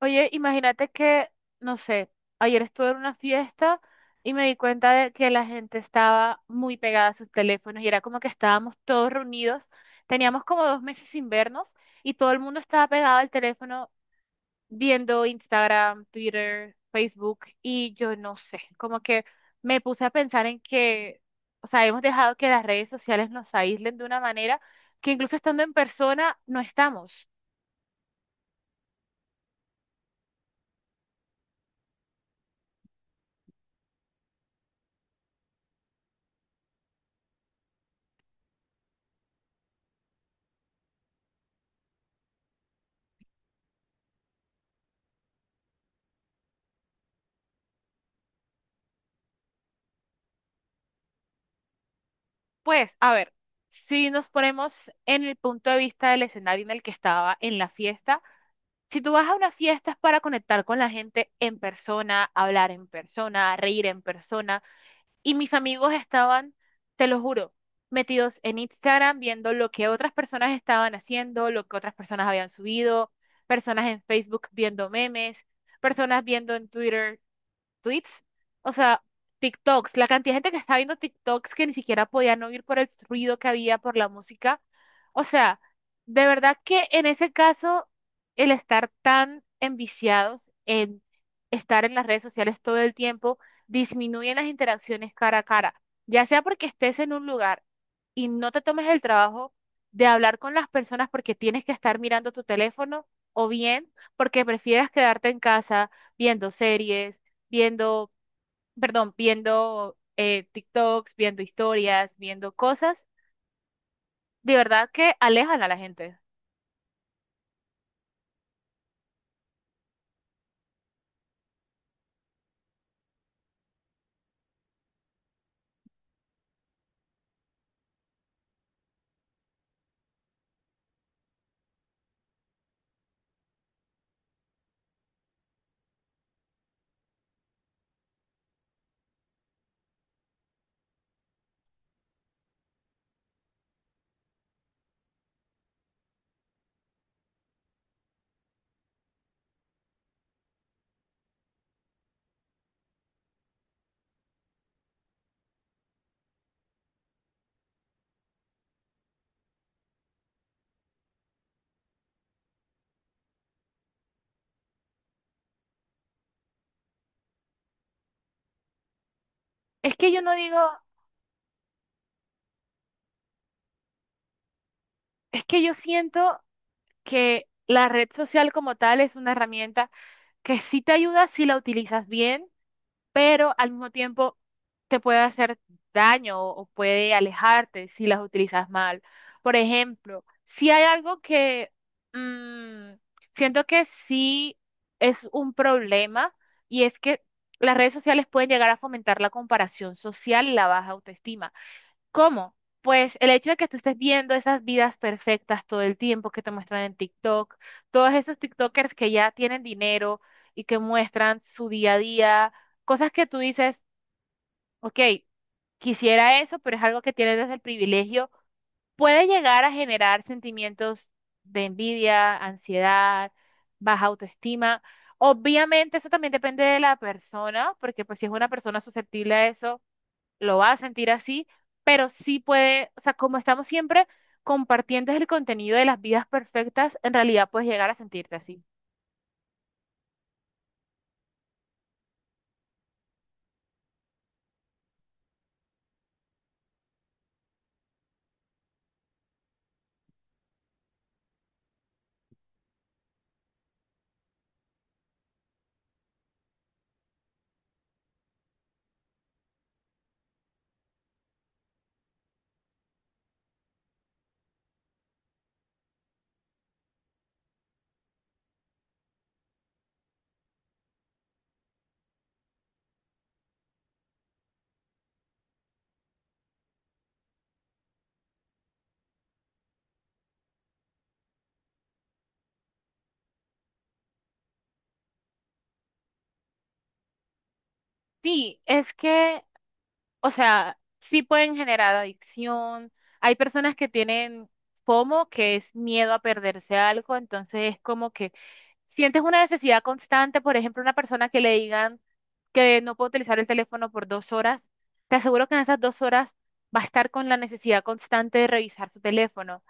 Oye, imagínate que, no sé, ayer estuve en una fiesta y me di cuenta de que la gente estaba muy pegada a sus teléfonos y era como que estábamos todos reunidos, teníamos como 2 meses sin vernos y todo el mundo estaba pegado al teléfono viendo Instagram, Twitter, Facebook y yo no sé, como que me puse a pensar en que, o sea, hemos dejado que las redes sociales nos aíslen de una manera que incluso estando en persona no estamos. Pues, a ver, si nos ponemos en el punto de vista del escenario en el que estaba en la fiesta, si tú vas a una fiesta es para conectar con la gente en persona, hablar en persona, reír en persona, y mis amigos estaban, te lo juro, metidos en Instagram viendo lo que otras personas estaban haciendo, lo que otras personas habían subido, personas en Facebook viendo memes, personas viendo en Twitter tweets, o sea, TikToks, la cantidad de gente que estaba viendo TikToks que ni siquiera podían oír por el ruido que había por la música. O sea, de verdad que en ese caso, el estar tan enviciados en estar en las redes sociales todo el tiempo disminuye las interacciones cara a cara, ya sea porque estés en un lugar y no te tomes el trabajo de hablar con las personas porque tienes que estar mirando tu teléfono o bien porque prefieras quedarte en casa viendo series viendo, perdón, viendo TikToks, viendo historias, viendo cosas, de verdad que alejan a la gente. Es que yo no digo, es que yo siento que la red social como tal es una herramienta que sí te ayuda si la utilizas bien pero al mismo tiempo te puede hacer daño o puede alejarte si las utilizas mal. Por ejemplo, si hay algo que mm, siento que sí es un problema y es que las redes sociales pueden llegar a fomentar la comparación social y la baja autoestima. ¿Cómo? Pues el hecho de que tú estés viendo esas vidas perfectas todo el tiempo que te muestran en TikTok, todos esos TikTokers que ya tienen dinero y que muestran su día a día, cosas que tú dices, ok, quisiera eso, pero es algo que tienes desde el privilegio, puede llegar a generar sentimientos de envidia, ansiedad, baja autoestima. Obviamente eso también depende de la persona, porque pues si es una persona susceptible a eso lo va a sentir así, pero sí puede, o sea, como estamos siempre compartiendo el contenido de las vidas perfectas, en realidad puedes llegar a sentirte así. Sí, es que, o sea, sí pueden generar adicción. Hay personas que tienen FOMO, que es miedo a perderse algo, entonces es como que sientes una necesidad constante, por ejemplo, una persona que le digan que no puede utilizar el teléfono por 2 horas, te aseguro que en esas 2 horas va a estar con la necesidad constante de revisar su teléfono.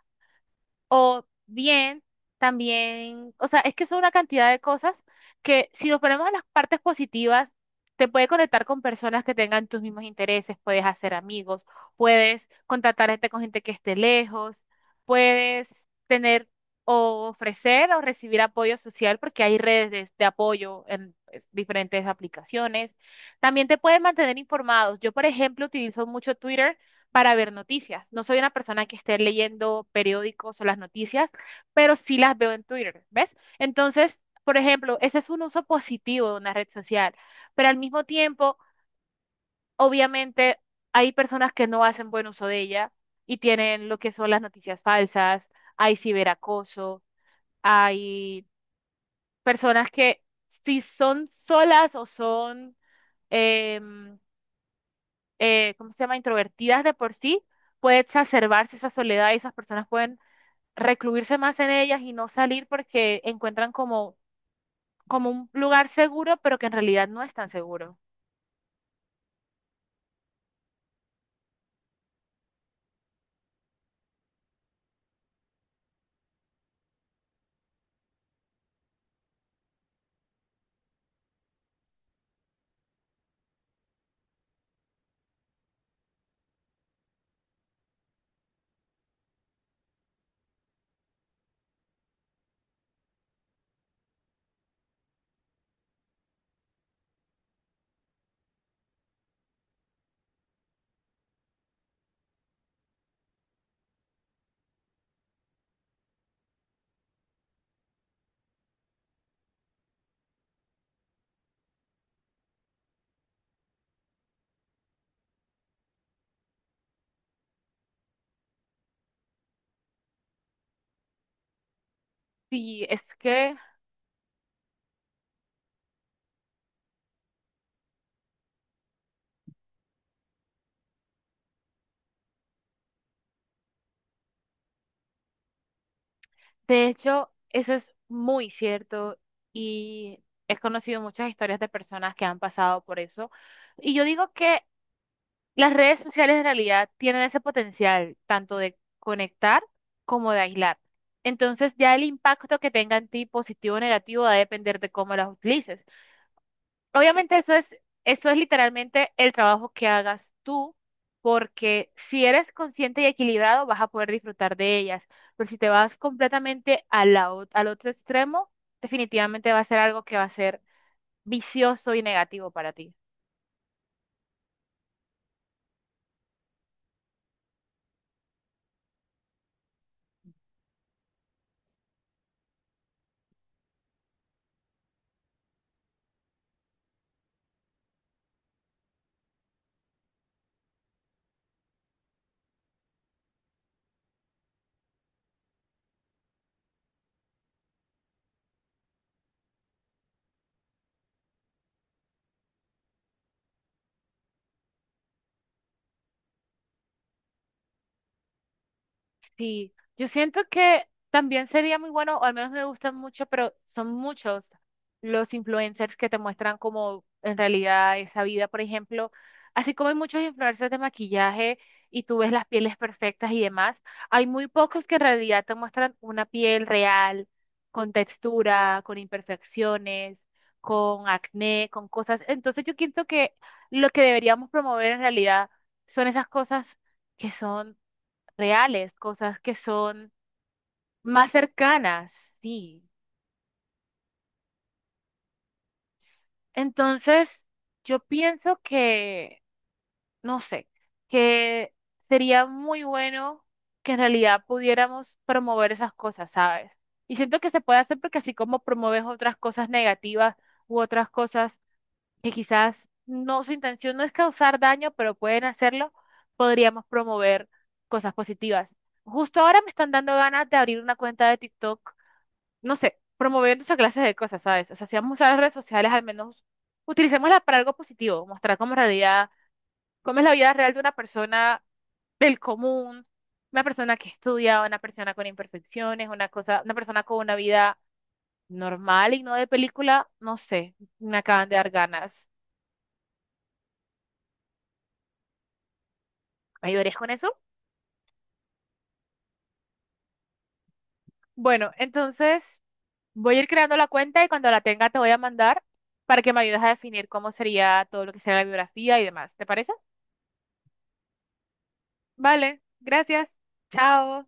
O bien, también, o sea, es que son una cantidad de cosas que si nos ponemos a las partes positivas, te puede conectar con personas que tengan tus mismos intereses, puedes hacer amigos, puedes contactarte con gente que esté lejos, puedes tener o ofrecer o recibir apoyo social porque hay redes de apoyo en diferentes aplicaciones. También te pueden mantener informados. Yo, por ejemplo, utilizo mucho Twitter para ver noticias. No soy una persona que esté leyendo periódicos o las noticias, pero sí las veo en Twitter, ¿ves? Entonces, por ejemplo, ese es un uso positivo de una red social, pero al mismo tiempo, obviamente, hay personas que no hacen buen uso de ella y tienen lo que son las noticias falsas, hay ciberacoso, hay personas que si son solas o son, em, ¿cómo se llama?, introvertidas de por sí, puede exacerbarse esa soledad y esas personas pueden recluirse más en ellas y no salir porque encuentran como, como un lugar seguro, pero que en realidad no es tan seguro. Y es que, de hecho, eso es muy cierto y he conocido muchas historias de personas que han pasado por eso. Y yo digo que las redes sociales en realidad tienen ese potencial tanto de conectar como de aislar. Entonces ya el impacto que tenga en ti, positivo o negativo, va a depender de cómo las utilices. Obviamente eso es literalmente el trabajo que hagas tú, porque si eres consciente y equilibrado vas a poder disfrutar de ellas, pero si te vas completamente a la al otro extremo, definitivamente va a ser algo que va a ser vicioso y negativo para ti. Sí, yo siento que también sería muy bueno, o al menos me gustan mucho, pero son muchos los influencers que te muestran como en realidad esa vida, por ejemplo, así como hay muchos influencers de maquillaje y tú ves las pieles perfectas y demás, hay muy pocos que en realidad te muestran una piel real, con textura, con imperfecciones, con acné, con cosas. Entonces yo siento que lo que deberíamos promover en realidad son esas cosas que son reales, cosas que son más cercanas, sí. Entonces, yo pienso que, no sé, que sería muy bueno que en realidad pudiéramos promover esas cosas, ¿sabes? Y siento que se puede hacer porque así como promueves otras cosas negativas u otras cosas que quizás no, su intención no es causar daño, pero pueden hacerlo, podríamos promover cosas positivas. Justo ahora me están dando ganas de abrir una cuenta de TikTok no sé, promoviendo esa clase de cosas, ¿sabes? O sea, si vamos a usar las redes sociales, al menos utilicémoslas para algo positivo, mostrar cómo en realidad, cómo es la vida real de una persona del común, una persona que estudia, una persona con imperfecciones, una cosa, una persona con una vida normal y no de película, no sé, me acaban de dar ganas. ¿Me ayudarías con eso? Bueno, entonces voy a ir creando la cuenta y cuando la tenga te voy a mandar para que me ayudes a definir cómo sería todo lo que sea la biografía y demás. ¿Te parece? Vale, gracias. Chao.